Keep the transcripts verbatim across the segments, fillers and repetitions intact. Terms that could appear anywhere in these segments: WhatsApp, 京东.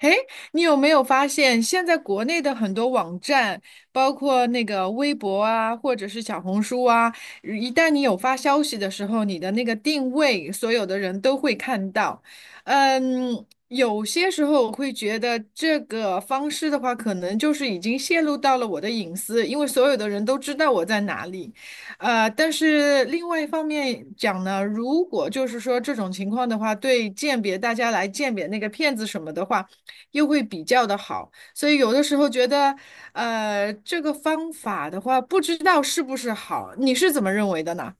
哎，你有没有发现，现在国内的很多网站，包括那个微博啊，或者是小红书啊，一旦你有发消息的时候，你的那个定位，所有的人都会看到。嗯，有些时候我会觉得这个方式的话，可能就是已经泄露到了我的隐私，因为所有的人都知道我在哪里。呃，但是另外一方面讲呢，如果就是说这种情况的话，对鉴别大家来鉴别那个骗子什么的话。又会比较的好，所以有的时候觉得，呃，这个方法的话，不知道是不是好，你是怎么认为的呢？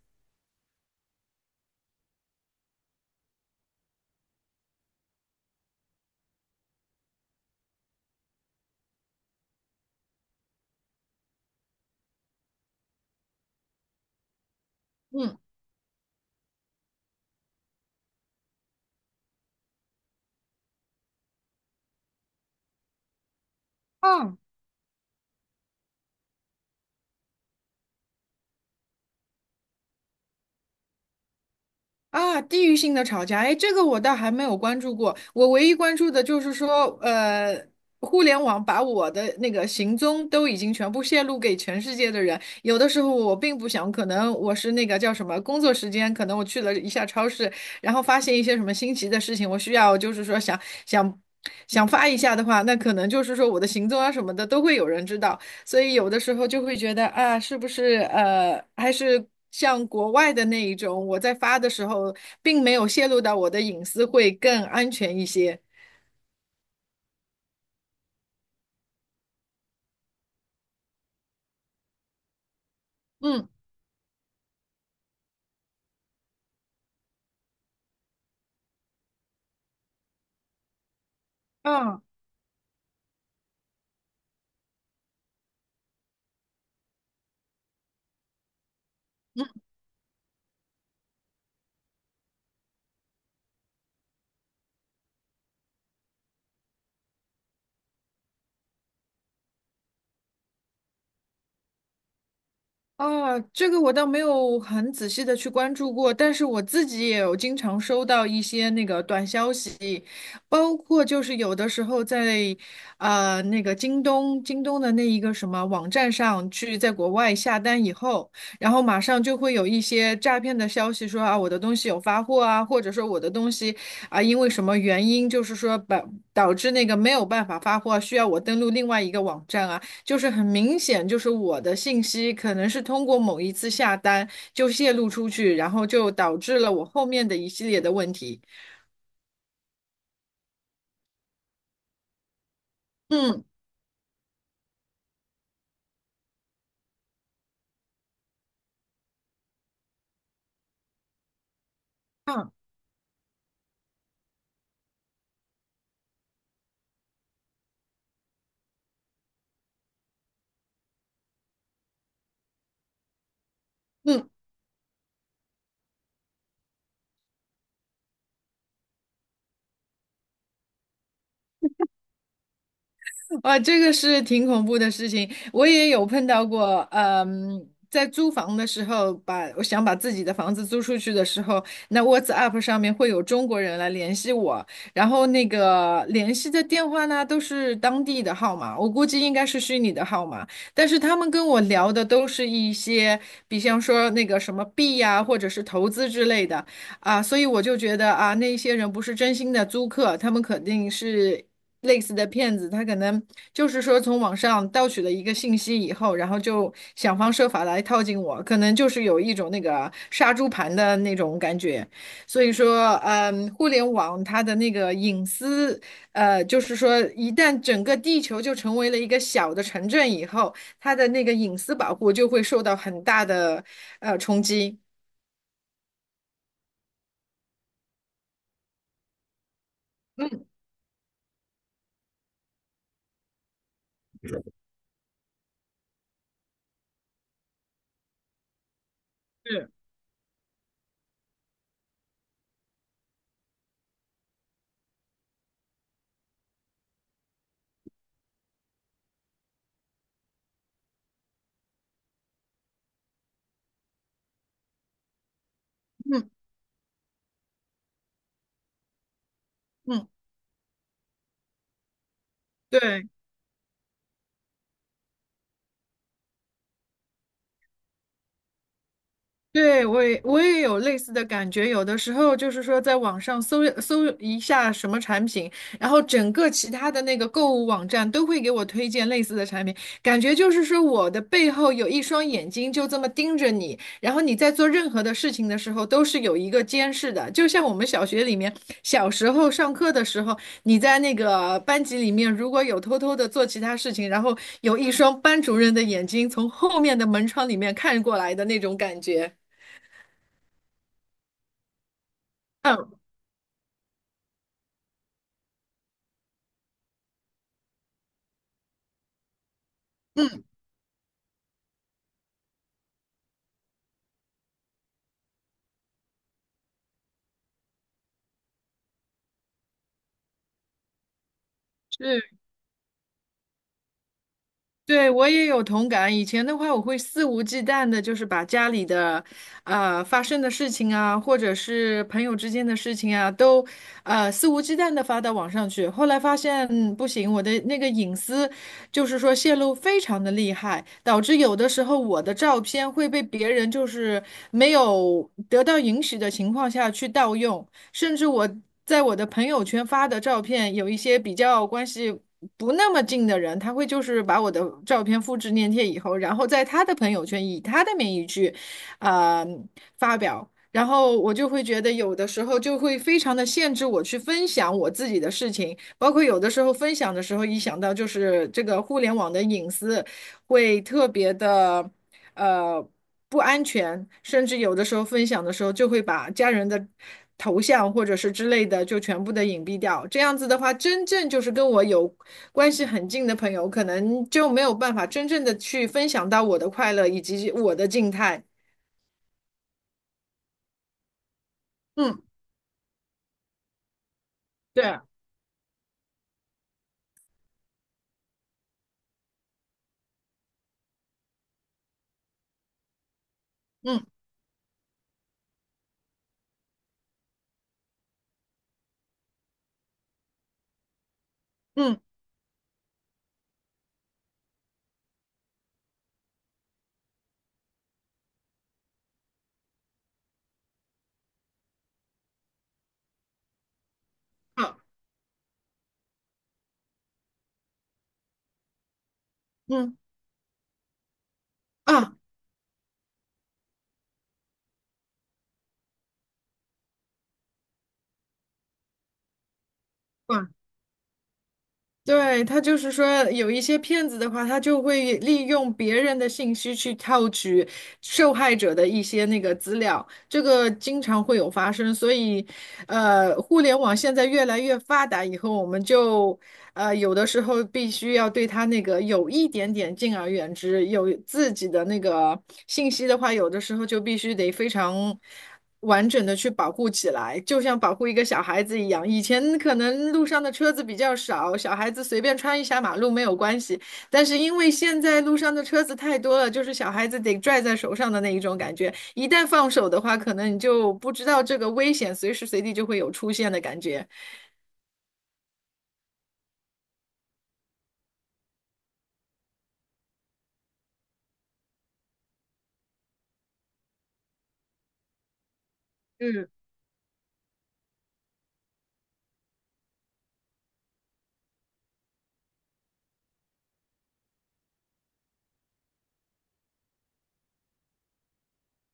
嗯。啊啊，地域性的吵架，哎，这个我倒还没有关注过。我唯一关注的就是说，呃，互联网把我的那个行踪都已经全部泄露给全世界的人。有的时候我并不想，可能我是那个叫什么工作时间，可能我去了一下超市，然后发现一些什么新奇的事情，我需要就是说想想想发一下的话，那可能就是说我的行踪啊什么的都会有人知道。所以有的时候就会觉得啊，是不是呃，还是像国外的那一种，我在发的时候并没有泄露到我的隐私，会更安全一些。嗯，嗯。啊，这个我倒没有很仔细的去关注过，但是我自己也有经常收到一些那个短消息，包括就是有的时候在呃那个京东京东的那一个什么网站上去在国外下单以后，然后马上就会有一些诈骗的消息说啊我的东西有发货啊，或者说我的东西啊因为什么原因就是说把导致那个没有办法发货，需要我登录另外一个网站啊。就是很明显，就是我的信息可能是通过某一次下单就泄露出去，然后就导致了我后面的一系列的问题。嗯，啊，嗯。哇，这个是挺恐怖的事情，我也有碰到过。嗯，在租房的时候，把我想把自己的房子租出去的时候，那 WhatsApp 上面会有中国人来联系我，然后那个联系的电话呢都是当地的号码，我估计应该是虚拟的号码，但是他们跟我聊的都是一些，比方说那个什么币呀、或者是投资之类的。啊，所以我就觉得啊，那一些人不是真心的租客，他们肯定是类似的骗子，他可能就是说从网上盗取了一个信息以后，然后就想方设法来套近我，可能就是有一种那个杀猪盘的那种感觉。所以说，嗯，互联网它的那个隐私，呃，就是说一旦整个地球就成为了一个小的城镇以后，它的那个隐私保护就会受到很大的呃冲击。是，嗯嗯，对。对，我也我也有类似的感觉，有的时候就是说，在网上搜搜一下什么产品，然后整个其他的那个购物网站都会给我推荐类似的产品，感觉就是说我的背后有一双眼睛就这么盯着你，然后你在做任何的事情的时候都是有一个监视的，就像我们小学里面小时候上课的时候，你在那个班级里面如果有偷偷的做其他事情，然后有一双班主任的眼睛从后面的门窗里面看过来的那种感觉。嗯嗯，是，对，我也有同感。以前的话，我会肆无忌惮的，就是把家里的，呃，发生的事情啊，或者是朋友之间的事情啊，都，呃，肆无忌惮的发到网上去。后来发现，嗯不行，我的那个隐私，就是说泄露非常的厉害，导致有的时候我的照片会被别人就是没有得到允许的情况下去盗用。甚至我在我的朋友圈发的照片，有一些比较关系不那么近的人，他会就是把我的照片复制粘贴以后，然后在他的朋友圈以他的名义去，呃，发表。然后我就会觉得，有的时候就会非常的限制我去分享我自己的事情，包括有的时候分享的时候，一想到就是这个互联网的隐私，会特别的呃不安全，甚至有的时候分享的时候就会把家人的头像或者是之类的就全部的隐蔽掉。这样子的话，真正就是跟我有关系很近的朋友，可能就没有办法真正的去分享到我的快乐以及我的静态。嗯，对啊，嗯嗯，好，嗯啊。哇对，他就是说，有一些骗子的话，他就会利用别人的信息去套取受害者的一些那个资料，这个经常会有发生。所以，呃，互联网现在越来越发达以后，我们就呃，有的时候必须要对他那个有一点点敬而远之，有自己的那个信息的话，有的时候就必须得非常完整的去保护起来，就像保护一个小孩子一样。以前可能路上的车子比较少，小孩子随便穿一下马路没有关系，但是因为现在路上的车子太多了，就是小孩子得拽在手上的那一种感觉，一旦放手的话，可能你就不知道这个危险随时随地就会有出现的感觉。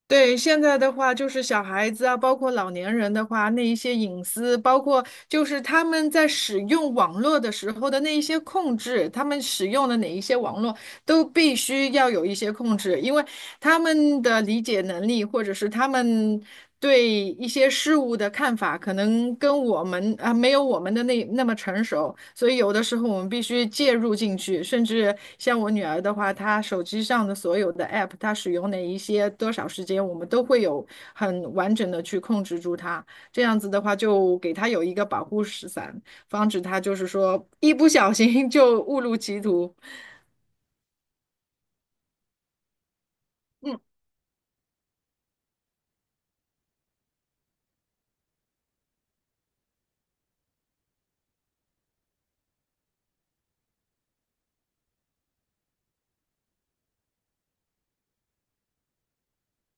对，现在的话，就是小孩子啊，包括老年人的话，那一些隐私，包括就是他们在使用网络的时候的那一些控制，他们使用的哪一些网络都必须要有一些控制，因为他们的理解能力，或者是他们对一些事物的看法，可能跟我们啊、没有我们的那那么成熟，所以有的时候我们必须介入进去。甚至像我女儿的话，她手机上的所有的 app，她使用哪一些多少时间，我们都会有很完整的去控制住她。这样子的话，就给她有一个保护伞，防止她就是说一不小心 就误入歧途。嗯。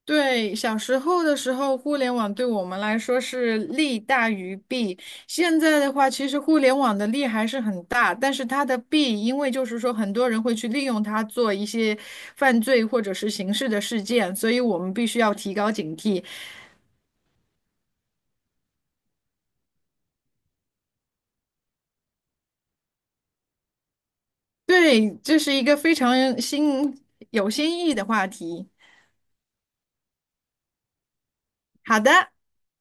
对，小时候的时候，互联网对我们来说是利大于弊。现在的话，其实互联网的利还是很大，但是它的弊，因为就是说很多人会去利用它做一些犯罪或者是刑事的事件，所以我们必须要提高警惕。对，这是一个非常新、有新意的话题。好的。